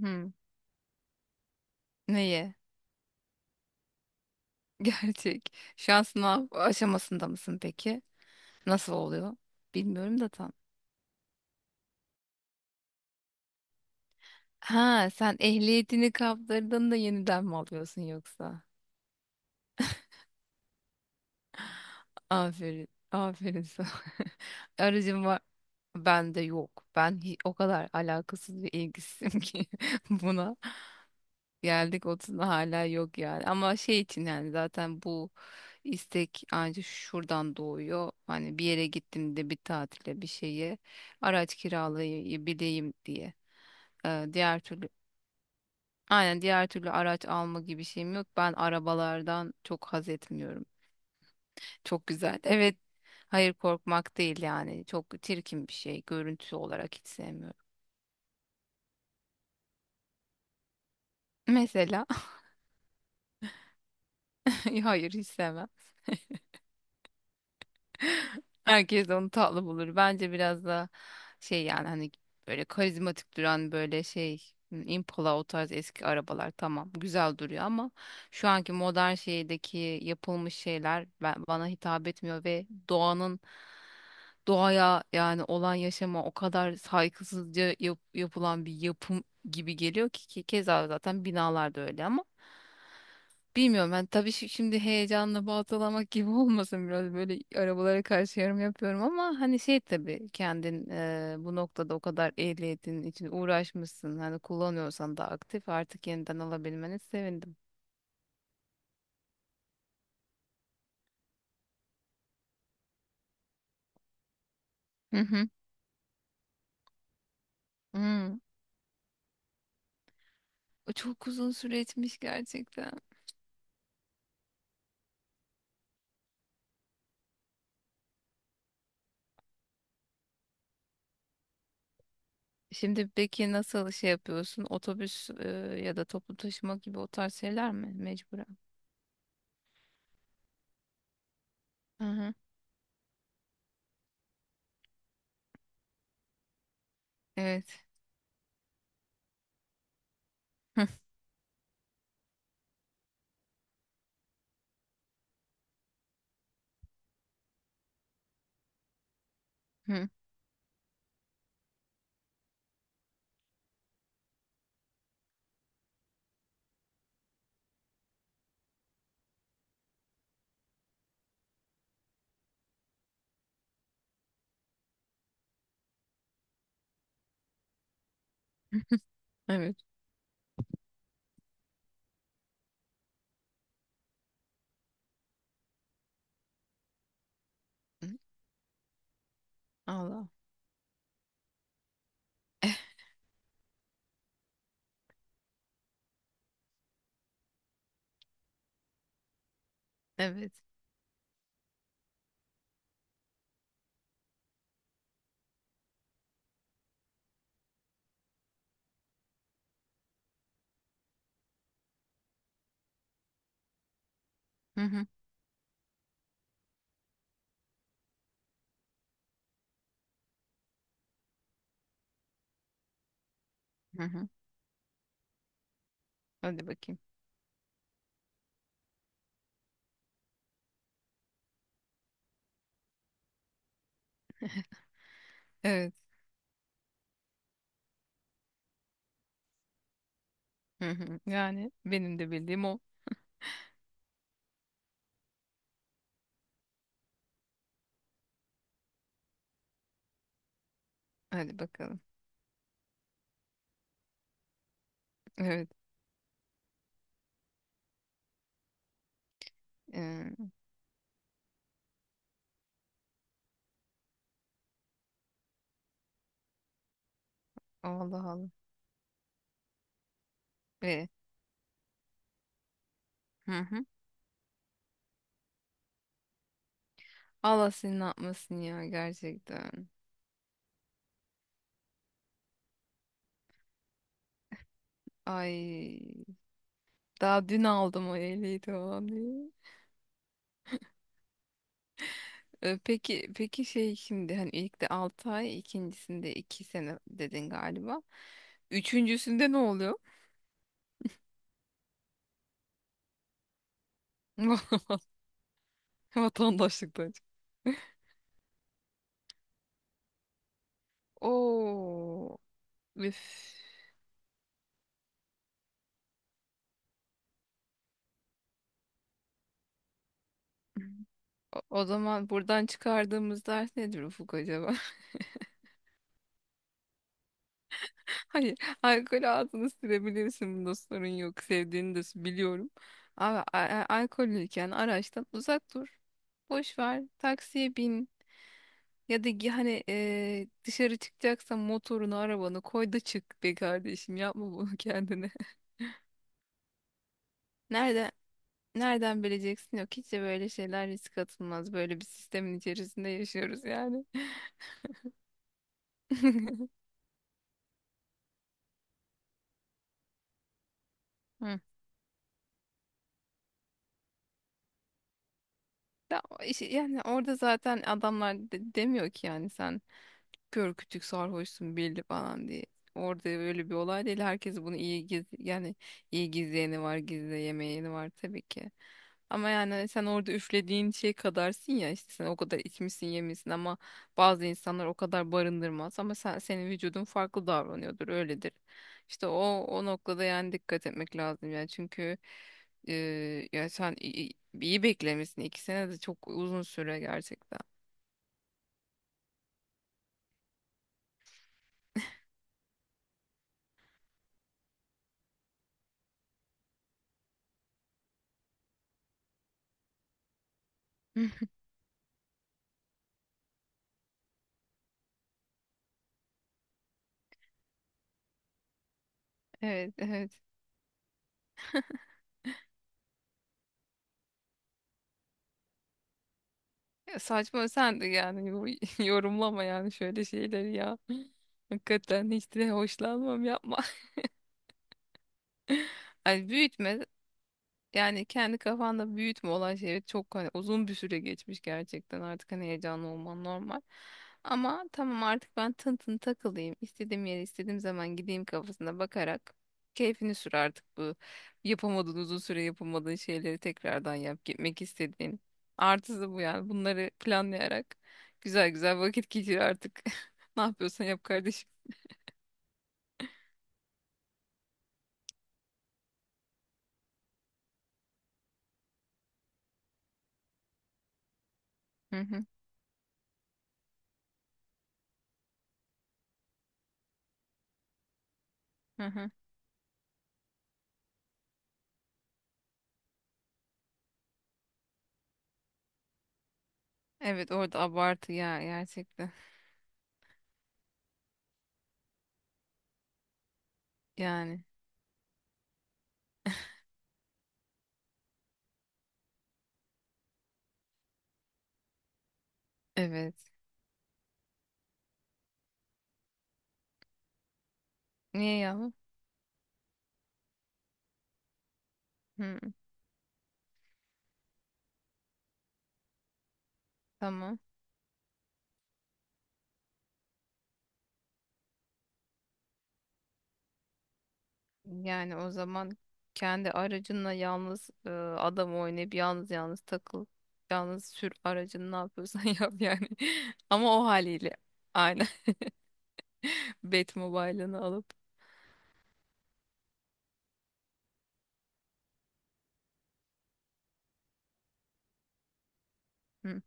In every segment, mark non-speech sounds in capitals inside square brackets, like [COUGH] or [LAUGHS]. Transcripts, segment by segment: Hı. Neyi? [LAUGHS] Gerçek. Şu an sınav aşamasında mısın peki? Nasıl oluyor? Bilmiyorum da tam. Ha, sen ehliyetini kaptırdın da yeniden mi alıyorsun yoksa? Aferin. Aferin sana. [LAUGHS] Aracın var. Ben de yok. O kadar alakasız ve ilgisizim ki [LAUGHS] buna. Geldik 30'una hala yok yani. Ama şey için yani zaten bu istek ancak şuradan doğuyor. Hani bir yere gittiğimde bir tatile bir şeye araç kiralayabileyim diye. Diğer türlü aynen diğer türlü araç alma gibi şeyim yok. Ben arabalardan çok haz etmiyorum. Çok güzel. Evet. Hayır korkmak değil yani. Çok çirkin bir şey. Görüntüsü olarak hiç sevmiyorum. Mesela [LAUGHS] hayır hiç sevmem. Herkes onu tatlı bulur. Bence biraz da şey yani hani böyle karizmatik duran böyle şey hmm, Impala o tarz eski arabalar tamam güzel duruyor ama şu anki modern şeydeki yapılmış bana hitap etmiyor ve doğanın doğaya yani olan yaşama o kadar saygısızca yapılan bir yapım gibi geliyor ki, ki keza zaten binalar da öyle ama bilmiyorum ben tabii şimdi heyecanla baltalamak gibi [LAUGHS] olmasın, biraz böyle arabalara karşı yorum yapıyorum ama hani şey tabii kendin bu noktada o kadar ehliyetin için uğraşmışsın, hani kullanıyorsan da aktif, artık yeniden alabilmeni sevindim. Hı hı. Hmm. O çok uzun süre etmiş gerçekten. Şimdi peki nasıl şey yapıyorsun? Ya da toplu taşıma gibi o tarz şeyler mi mecburen? Hı hı. Evet. [LAUGHS] Hı hı. Evet. Hı. Allah. Evet. Hı hı. Hı hı. Hadi bakayım. Evet. Hı hı. Yani benim de bildiğim o. Hadi bakalım. Evet. Ee, Allah Allah. Ve hı hı. Allah seni ne yapmasın ya gerçekten. Ay, daha dün aldım o ehliyi tamam diye. Peki peki şey şimdi hani ilk de 6 ay ikincisinde 2 sene dedin galiba. Üçüncüsünde ne oluyor? [LAUGHS] Vatandaşlıktan. Oo. Üf. O o zaman buradan çıkardığımız ders nedir Ufuk acaba? Hayır, alkol ağzını sürebilirsin. Bunda sorun yok. Sevdiğini de biliyorum. Ama alkollüyken araçtan uzak dur. Boş ver. Taksiye bin. Ya da hani dışarı çıkacaksan motorunu, arabanı koy da çık be kardeşim. Yapma bunu kendine. [LAUGHS] Nereden nereden bileceksin? Yok, hiç de böyle şeyler risk atılmaz. Böyle bir sistemin içerisinde yaşıyoruz yani. [LAUGHS] Hı. Ya, yani orada zaten adamlar demiyor ki yani sen kör kütük sarhoşsun belli falan diye. Orada öyle bir olay değil. Herkes bunu iyi giz yani iyi gizleyeni var, gizleyemeyeni var tabii ki. Ama yani sen orada üflediğin şey kadarsın ya, işte sen o kadar içmişsin yemişsin ama bazı insanlar o kadar barındırmaz, ama sen senin vücudun farklı davranıyordur öyledir. İşte o noktada yani dikkat etmek lazım yani çünkü e, ya sen iyi beklemişsin, iki sene de çok uzun süre gerçekten. [LAUGHS] Evet, evet. Ya saçma sen de yani [LAUGHS] yorumlama yani şöyle şeyleri ya. Hakikaten hiç de hoşlanmam, yapma. [LAUGHS] Ay büyütme yani, kendi kafanda büyütme olan şey, çok hani uzun bir süre geçmiş gerçekten artık, hani heyecanlı olman normal. Ama tamam artık ben tın tın takılayım, istediğim yere istediğim zaman gideyim kafasına bakarak keyfini sür artık bu yapamadığın, uzun süre yapamadığın şeyleri tekrardan yap gitmek istediğin. Artısı bu yani, bunları planlayarak güzel güzel vakit geçir artık. [LAUGHS] Ne yapıyorsan yap kardeşim. Hı hı, hı hı. Evet, orada abartı ya gerçekten. Yani evet. Niye ya? Hı, tamam. Yani o zaman kendi aracınla yalnız adam oynayıp yalnız yalnız takıl. Yalnız sür aracını, ne yapıyorsan [LAUGHS] yap yani. [LAUGHS] Ama o haliyle. Aynen. [LAUGHS] Batmobile'ını alıp. Hı.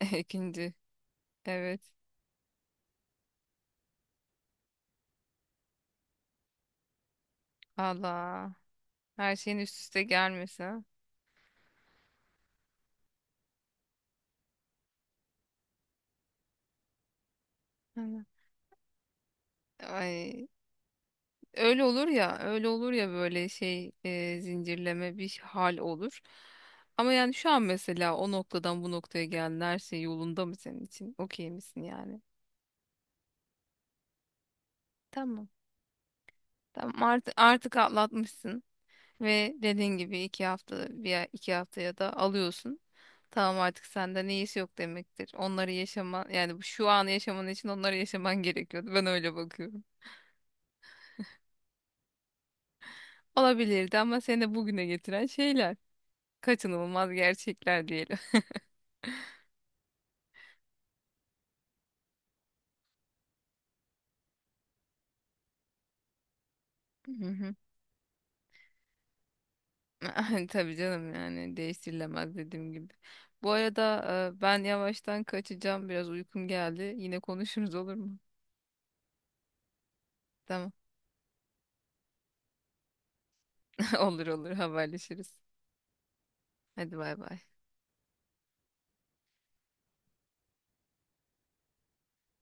[LAUGHS] İkinci. Evet. Allah. Her şeyin üst üste gelmesi, ha? Hı. Ay. Öyle olur ya, öyle olur ya böyle şey zincirleme bir hal olur. Ama yani şu an mesela o noktadan bu noktaya geldin, her şey yolunda mı senin için? Okey misin yani? Tamam. Tamam artık, artık atlatmışsın ve dediğin gibi iki hafta, iki haftaya da alıyorsun. Tamam, artık senden iyisi yok demektir. Onları yaşaman yani şu an yaşaman için onları yaşaman [LAUGHS] gerekiyordu. Ben öyle bakıyorum. Olabilirdi ama seni de bugüne getiren şeyler. Kaçınılmaz gerçekler diyelim. [LAUGHS] [LAUGHS] Tabii canım, yani değiştirilemez dediğim gibi. Bu arada ben yavaştan kaçacağım. Biraz uykum geldi. Yine konuşuruz, olur mu? Tamam. [LAUGHS] Olur olur, haberleşiriz. Hadi bay bay.